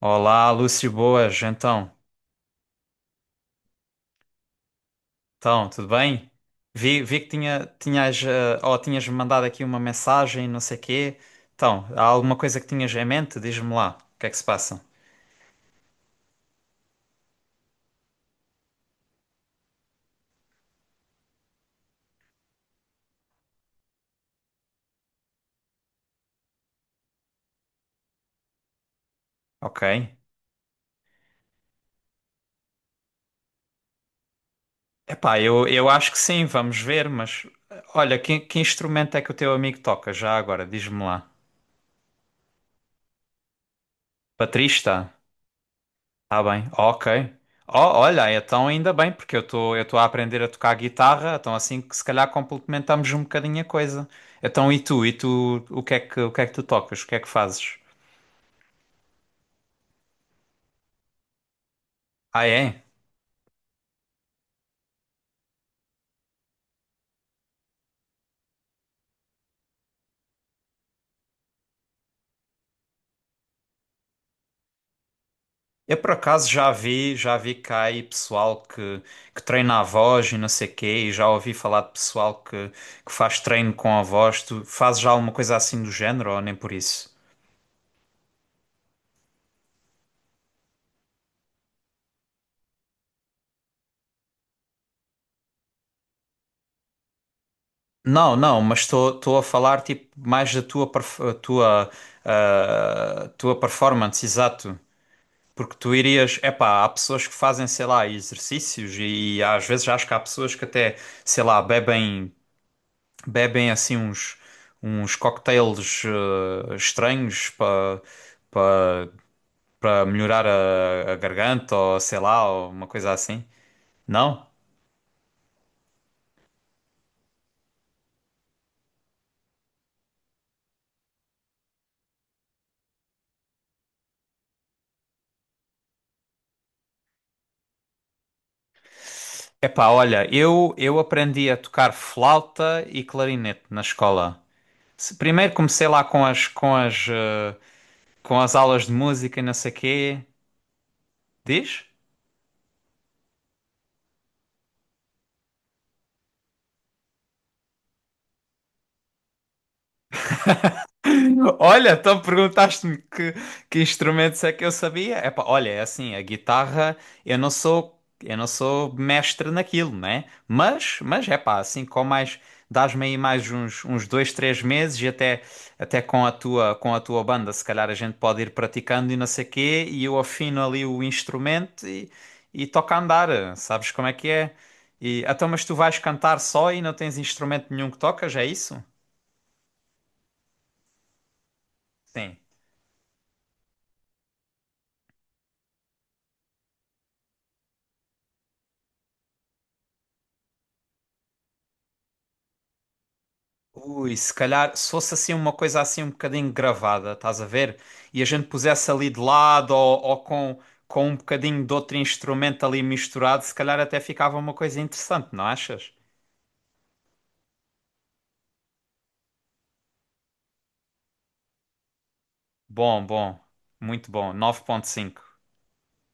Olá, Lúcio, boas, então. Então, tudo bem? Vi que tinha, tinhas, eh, ou tinhas me mandado aqui uma mensagem, não sei quê. Então, há alguma coisa que tinhas em mente? Diz-me lá, o que é que se passa? Ok. Epá, eu acho que sim, vamos ver, mas olha, que instrumento é que o teu amigo toca já agora? Diz-me lá. Baterista? Tá bem, ok. Oh, olha, então ainda bem, porque eu estou a aprender a tocar guitarra, então assim que se calhar complementamos um bocadinho a coisa. Então e tu? E tu, o que é que tu tocas? O que é que fazes? Ah, é? Eu por acaso já vi cá aí pessoal que treina a voz e não sei quê, e já ouvi falar de pessoal que faz treino com a voz. Tu fazes já alguma coisa assim do género ou nem por isso? Não, não, mas estou a falar tipo mais da tua perf- a tua ah, tua performance, exato. Porque tu irias, epá, há pessoas que fazem, sei lá, exercícios e, às vezes acho que há pessoas que até, sei lá, bebem assim uns cocktails estranhos para para melhorar a garganta ou sei lá, ou uma coisa assim. Não? Epá, olha, eu aprendi a tocar flauta e clarinete na escola. Primeiro comecei lá com as aulas de música e não sei quê. Diz? Olha, então que instrumentos é que eu sabia. Epá, olha, é assim, a guitarra, eu não sou mestre naquilo, né? Mas é pá, assim, com mais, dás-me aí mais uns dois, três meses e até, até com com a tua banda, se calhar a gente pode ir praticando e não sei quê, e eu afino ali o instrumento e toca a andar, sabes como é que é? E, então, mas tu vais cantar só e não tens instrumento nenhum que tocas, é isso? Sim. Ui, se calhar, se fosse assim uma coisa assim um bocadinho gravada, estás a ver? E a gente pusesse ali de lado ou com com, um bocadinho de outro instrumento ali misturado, se calhar até ficava uma coisa interessante, não achas? Bom, bom, muito bom, 9,5.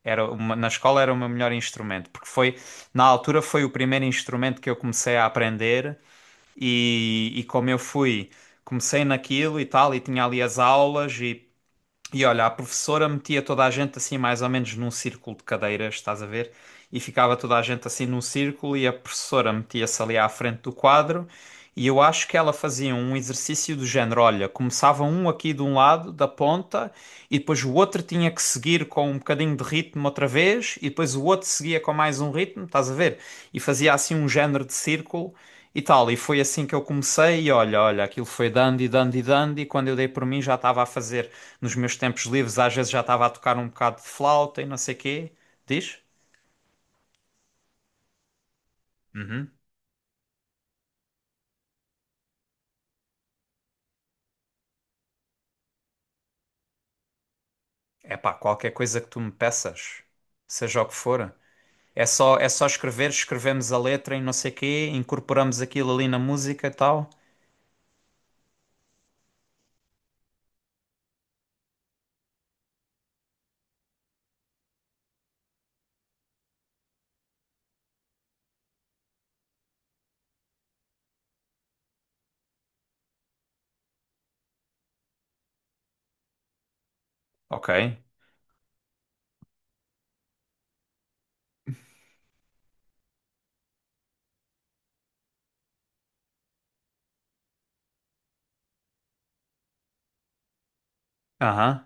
Era na escola era o meu melhor instrumento, porque foi, na altura foi o primeiro instrumento que eu comecei a aprender e, comecei naquilo e tal, e tinha ali as aulas e olha, a professora metia toda a gente assim, mais ou menos num círculo de cadeiras, estás a ver? E ficava toda a gente assim num círculo e a professora metia-se ali à frente do quadro. E eu acho que ela fazia um exercício do género: olha, começava um aqui de um lado, da ponta, e depois o outro tinha que seguir com um bocadinho de ritmo outra vez, e depois o outro seguia com mais um ritmo, estás a ver? E fazia assim um género de círculo. E tal, e foi assim que eu comecei, e olha, aquilo foi dando e dando e dando, e quando eu dei por mim já estava a fazer nos meus tempos livres, às vezes já estava a tocar um bocado de flauta e não sei quê. Diz? Uhum. Epá, qualquer coisa que tu me peças, seja o que for. É só escrever, escrevemos a letra e não sei quê, incorporamos aquilo ali na música e tal. Ok. Aham.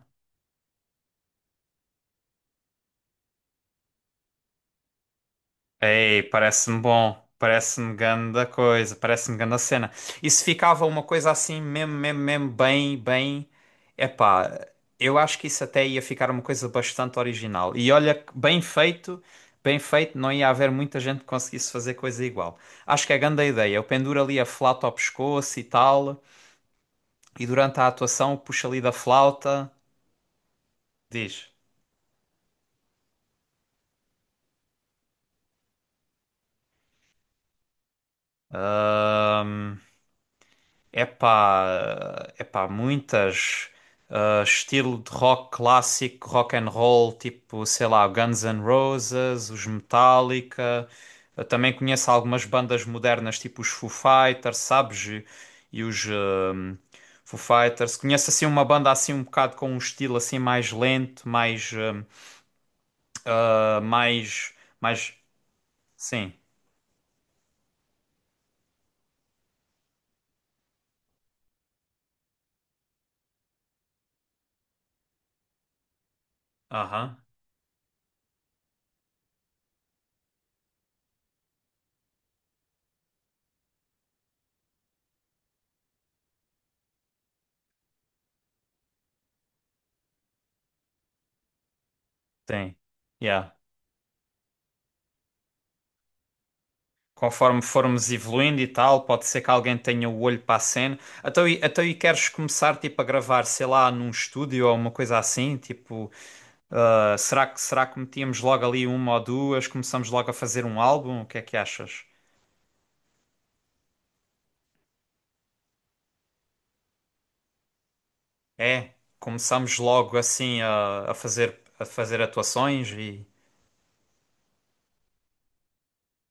Ei, parece-me bom. Parece-me ganda coisa. Parece-me ganda cena. E se ficava uma coisa assim, mesmo, bem. Epá, eu acho que isso até ia ficar uma coisa bastante original. E olha, bem feito, não ia haver muita gente que conseguisse fazer coisa igual. Acho que é ganda ideia. Eu penduro ali a flauta ao pescoço e tal. E durante a atuação puxo ali da flauta. Diz. Epá, muitas. Estilo de rock clássico, rock and roll, tipo, sei lá, Guns N' Roses, os Metallica. Eu também conheço algumas bandas modernas, tipo os Foo Fighters, sabes? E e os ah, Foo Fighters. Conheço assim uma banda assim um bocado com um estilo assim mais lento, mais, ah, ah, mais, mais, sim, aham, tem, yeah. Conforme formos evoluindo e tal, pode ser que alguém tenha o olho para a cena. Então, queres começar tipo a gravar, sei lá, num estúdio ou uma coisa assim? Tipo, será que metíamos logo ali uma ou duas? Começamos logo a fazer um álbum? O que é que achas? É, começamos logo assim a fazer a fazer atuações e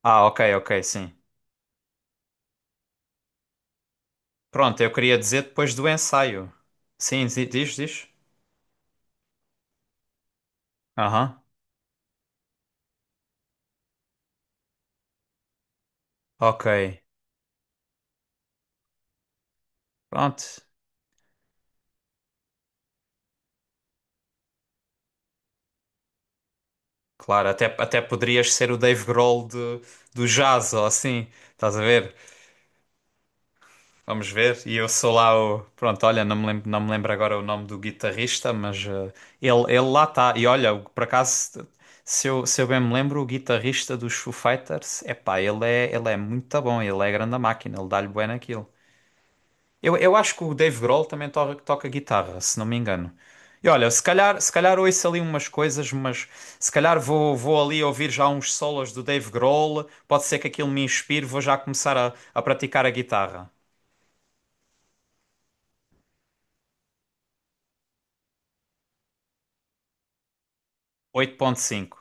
ah, ok, ok, sim. Pronto, eu queria dizer depois do ensaio. Sim, diz, diz. Aham. Ok. Pronto. Claro, até poderias ser o Dave Grohl do, do jazz ou assim, estás a ver? Vamos ver. E eu sou lá o. Pronto, olha, não me lembro agora o nome do guitarrista, mas ele lá está. E olha, por acaso, se eu bem me lembro, o guitarrista dos Foo Fighters, epá, ele é muito bom, ele é grande a máquina, ele dá-lhe bem naquilo. Eu acho que o Dave Grohl também toca guitarra, se não me engano. E olha, se calhar ouço ali umas coisas, mas se calhar vou ali ouvir já uns solos do Dave Grohl. Pode ser que aquilo me inspire, vou já começar a praticar a guitarra. Oito ponto cinco.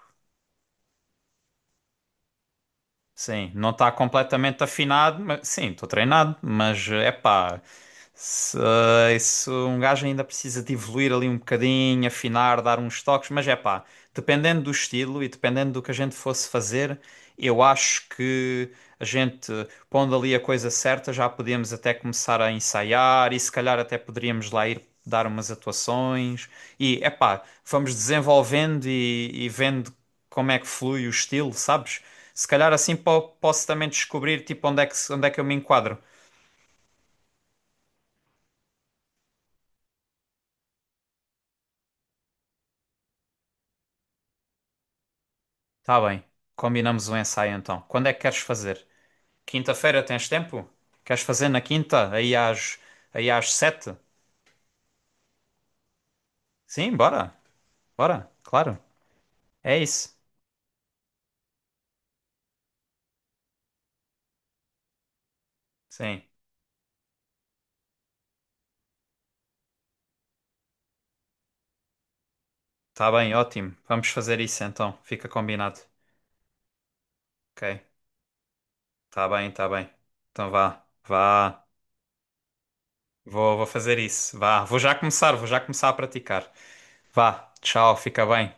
Sim, não está completamente afinado, mas sim, estou treinado, mas é pá, se, se um gajo ainda precisa de evoluir ali um bocadinho, afinar, dar uns toques, mas é pá, dependendo do estilo e dependendo do que a gente fosse fazer, eu acho que a gente, pondo ali a coisa certa, já podíamos até começar a ensaiar e se calhar até poderíamos lá ir dar umas atuações. E é pá, vamos desenvolvendo e vendo como é que flui o estilo, sabes? Se calhar assim posso também descobrir tipo onde é que, onde é que eu me enquadro. Tá bem. Combinamos o ensaio então. Quando é que queres fazer? Quinta-feira tens tempo? Queres fazer na quinta? Aí às 7? Sim, bora. Bora, claro. É isso. Sim. Tá bem, ótimo. Vamos fazer isso então. Fica combinado. Ok. Tá bem, tá bem. Então vá, vá. Vou fazer isso. Vá. Vou já começar a praticar. Vá. Tchau, fica bem.